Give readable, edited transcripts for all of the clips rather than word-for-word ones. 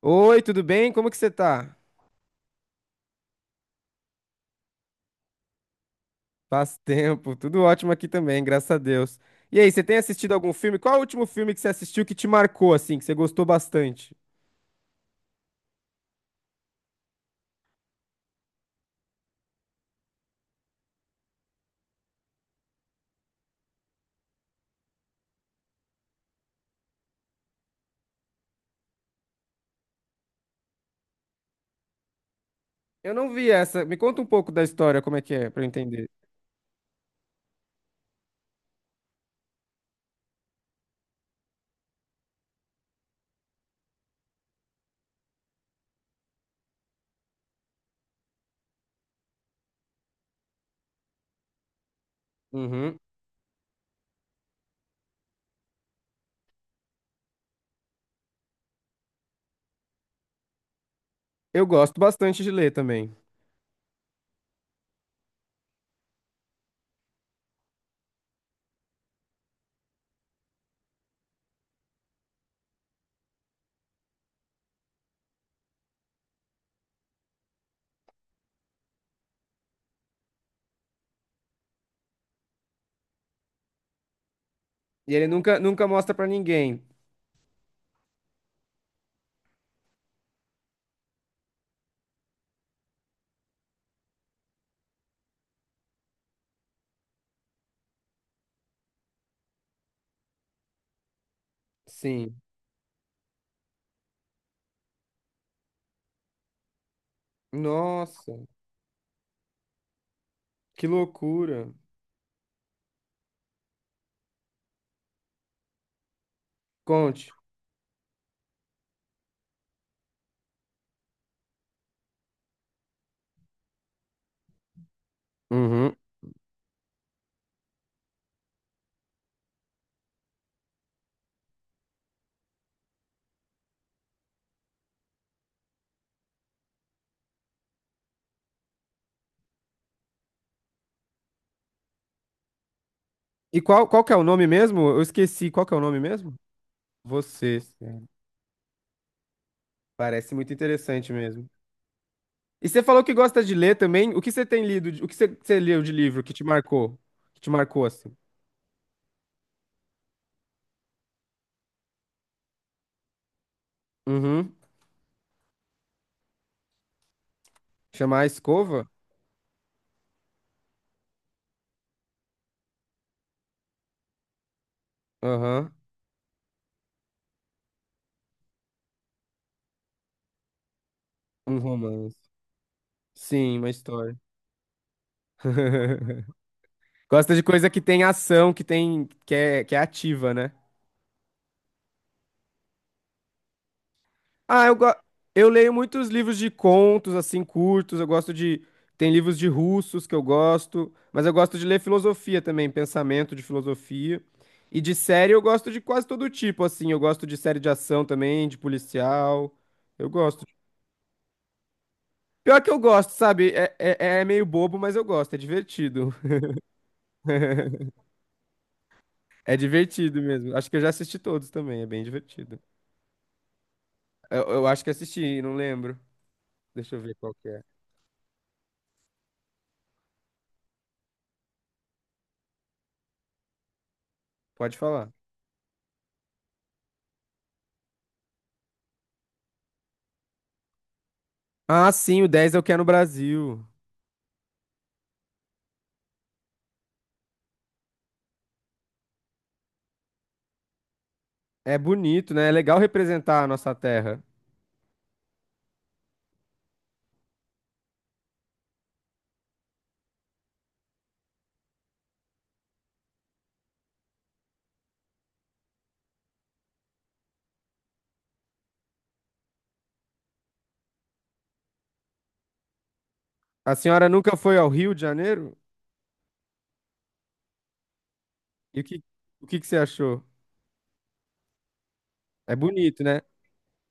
Oi, tudo bem? Como que você tá? Faz tempo, tudo ótimo aqui também, graças a Deus. E aí, você tem assistido algum filme? Qual é o último filme que você assistiu que te marcou, assim, que você gostou bastante? Eu não vi essa. Me conta um pouco da história, como é que é, pra eu entender. Uhum. Eu gosto bastante de ler também. E ele nunca mostra pra ninguém. Sim. Nossa, que loucura. Conte. Uhum. E qual que é o nome mesmo? Eu esqueci. Qual que é o nome mesmo? Você. Parece muito interessante mesmo. E você falou que gosta de ler também. O que você tem lido? O que você leu de livro que te marcou? Que te marcou assim? Uhum. Chamar a escova? Aham. Um romance. Sim, uma história. Gosta de coisa que tem ação, que é ativa, né? Ah, eu, go... eu leio muitos livros de contos, assim, curtos. Eu gosto de. Tem livros de russos que eu gosto, mas eu gosto de ler filosofia também, pensamento de filosofia. E de série eu gosto de quase todo tipo, assim. Eu gosto de série de ação também, de policial. Eu gosto. Pior que eu gosto, sabe? É meio bobo, mas eu gosto, é divertido. É divertido mesmo. Acho que eu já assisti todos também, é bem divertido. Eu acho que assisti, não lembro. Deixa eu ver qual que é. Pode falar. Ah, sim, o 10 eu quero no Brasil. É bonito, né? É legal representar a nossa terra. A senhora nunca foi ao Rio de Janeiro? E o que, o que que você achou? É bonito, né?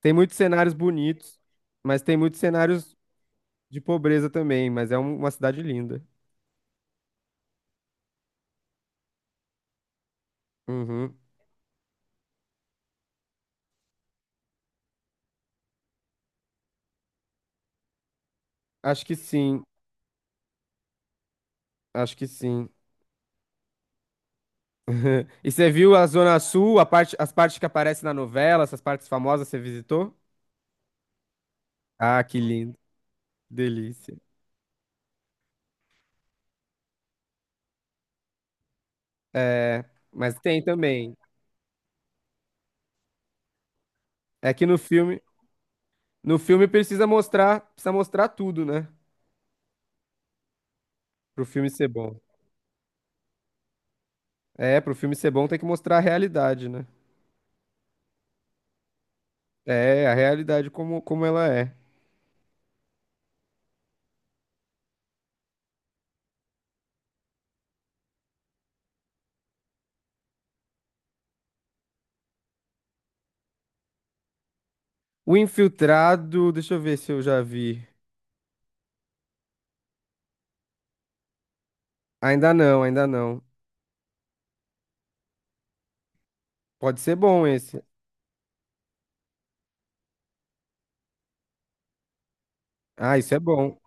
Tem muitos cenários bonitos, mas tem muitos cenários de pobreza também, mas é uma cidade linda. Uhum. Acho que sim, acho que sim. E você viu a Zona Sul, as partes que aparecem na novela, essas partes famosas, você visitou? Ah, que lindo, delícia. É, mas tem também. É que no filme No filme precisa mostrar tudo, né? Pro filme ser bom. É, pro filme ser bom tem que mostrar a realidade, né? É, a realidade como ela é. O Infiltrado, deixa eu ver se eu já vi. Ainda não, ainda não. Pode ser bom esse. Ah, isso é bom.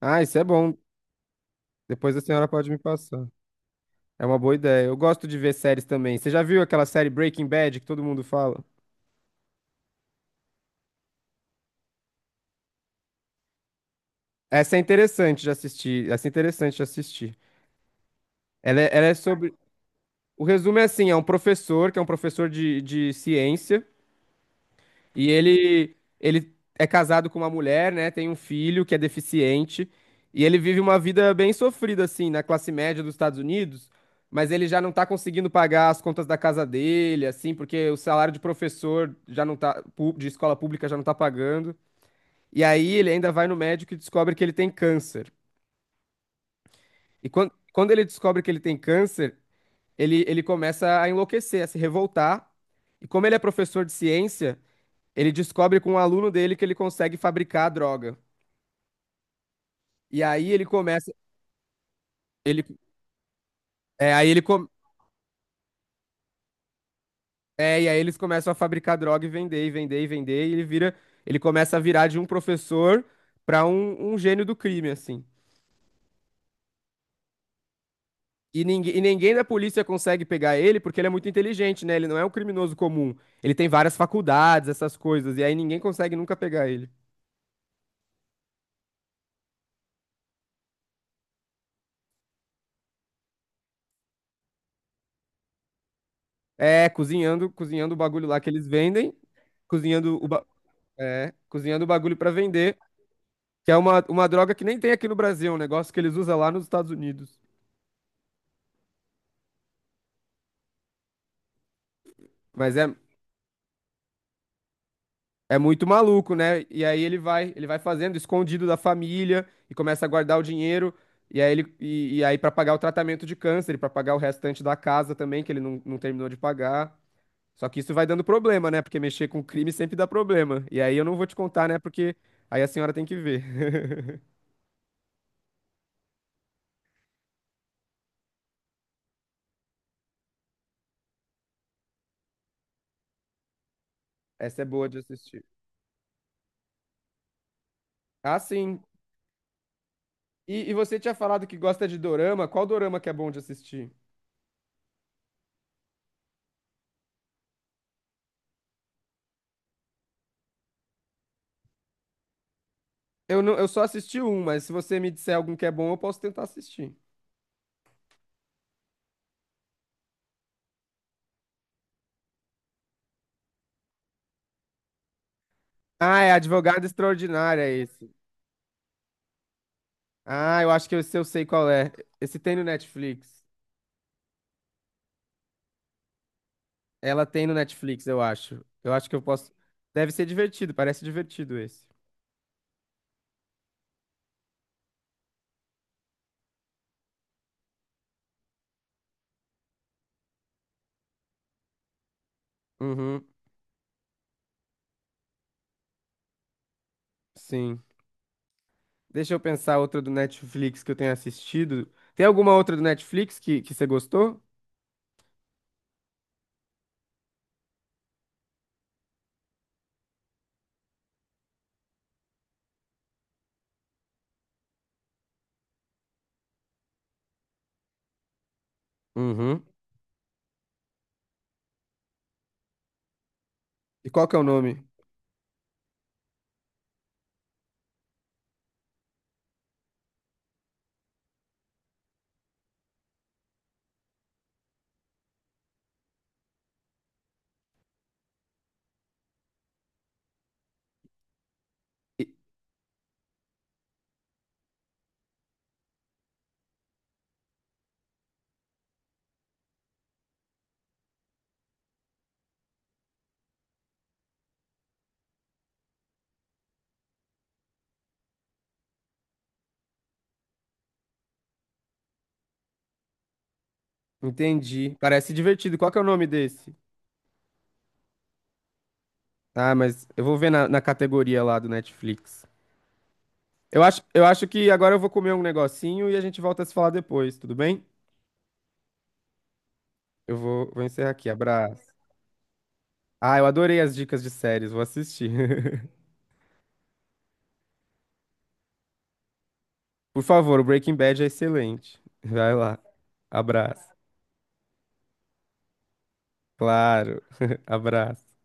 Ah, isso é bom. Depois a senhora pode me passar. É uma boa ideia. Eu gosto de ver séries também. Você já viu aquela série Breaking Bad que todo mundo fala? Essa é interessante de assistir. Essa é interessante de assistir. Ela é sobre. O resumo é assim, é um professor, que é um professor de ciência, e ele é casado com uma mulher, né? Tem um filho que é deficiente, e ele vive uma vida bem sofrida, assim, na classe média dos Estados Unidos, mas ele já não tá conseguindo pagar as contas da casa dele, assim, porque o salário de professor já não tá, de escola pública já não tá pagando. E aí ele ainda vai no médico e descobre que ele tem câncer. E quando ele descobre que ele tem câncer, ele começa a enlouquecer, a se revoltar. E como ele é professor de ciência, ele descobre com um aluno dele que ele consegue fabricar a droga. E aí ele começa, ele, é, aí ele com- é, e aí eles começam a fabricar droga e vender, e vender, e vender, e ele vira, ele começa a virar de um professor para um gênio do crime, assim. E ninguém da polícia consegue pegar ele porque ele é muito inteligente, né? Ele não é um criminoso comum. Ele tem várias faculdades, essas coisas, e aí ninguém consegue nunca pegar ele. É, cozinhando o bagulho lá que eles vendem, cozinhando cozinhando o bagulho pra vender, que é uma droga que nem tem aqui no Brasil, é um negócio que eles usam lá nos Estados Unidos. Mas é, é muito maluco, né? E aí ele vai fazendo escondido da família e começa a guardar o dinheiro. E aí para pagar o tratamento de câncer, para pagar o restante da casa também, que ele não, não terminou de pagar. Só que isso vai dando problema, né? Porque mexer com crime sempre dá problema. E aí eu não vou te contar, né? Porque aí a senhora tem que ver. Essa é boa de assistir. Ah, sim. E você tinha falado que gosta de dorama. Qual dorama que é bom de assistir? Não, eu só assisti um, mas se você me disser algum que é bom, eu posso tentar assistir. Ah, é Advogada Extraordinária é esse. Ah, eu acho que eu, se eu sei qual é. Esse tem no Netflix. Ela tem no Netflix, eu acho. Eu acho que eu posso. Deve ser divertido, parece divertido esse. Uhum, sim. Deixa eu pensar outra do Netflix que eu tenha assistido. Tem alguma outra do Netflix que você gostou? Uhum. E qual que é o nome? Entendi. Parece divertido. Qual que é o nome desse? Ah, mas eu vou ver na categoria lá do Netflix. Eu acho que agora eu vou comer um negocinho e a gente volta a se falar depois, tudo bem? Vou encerrar aqui. Abraço. Ah, eu adorei as dicas de séries, vou assistir. Por favor, o Breaking Bad é excelente. Vai lá. Abraço. Claro. Abraço.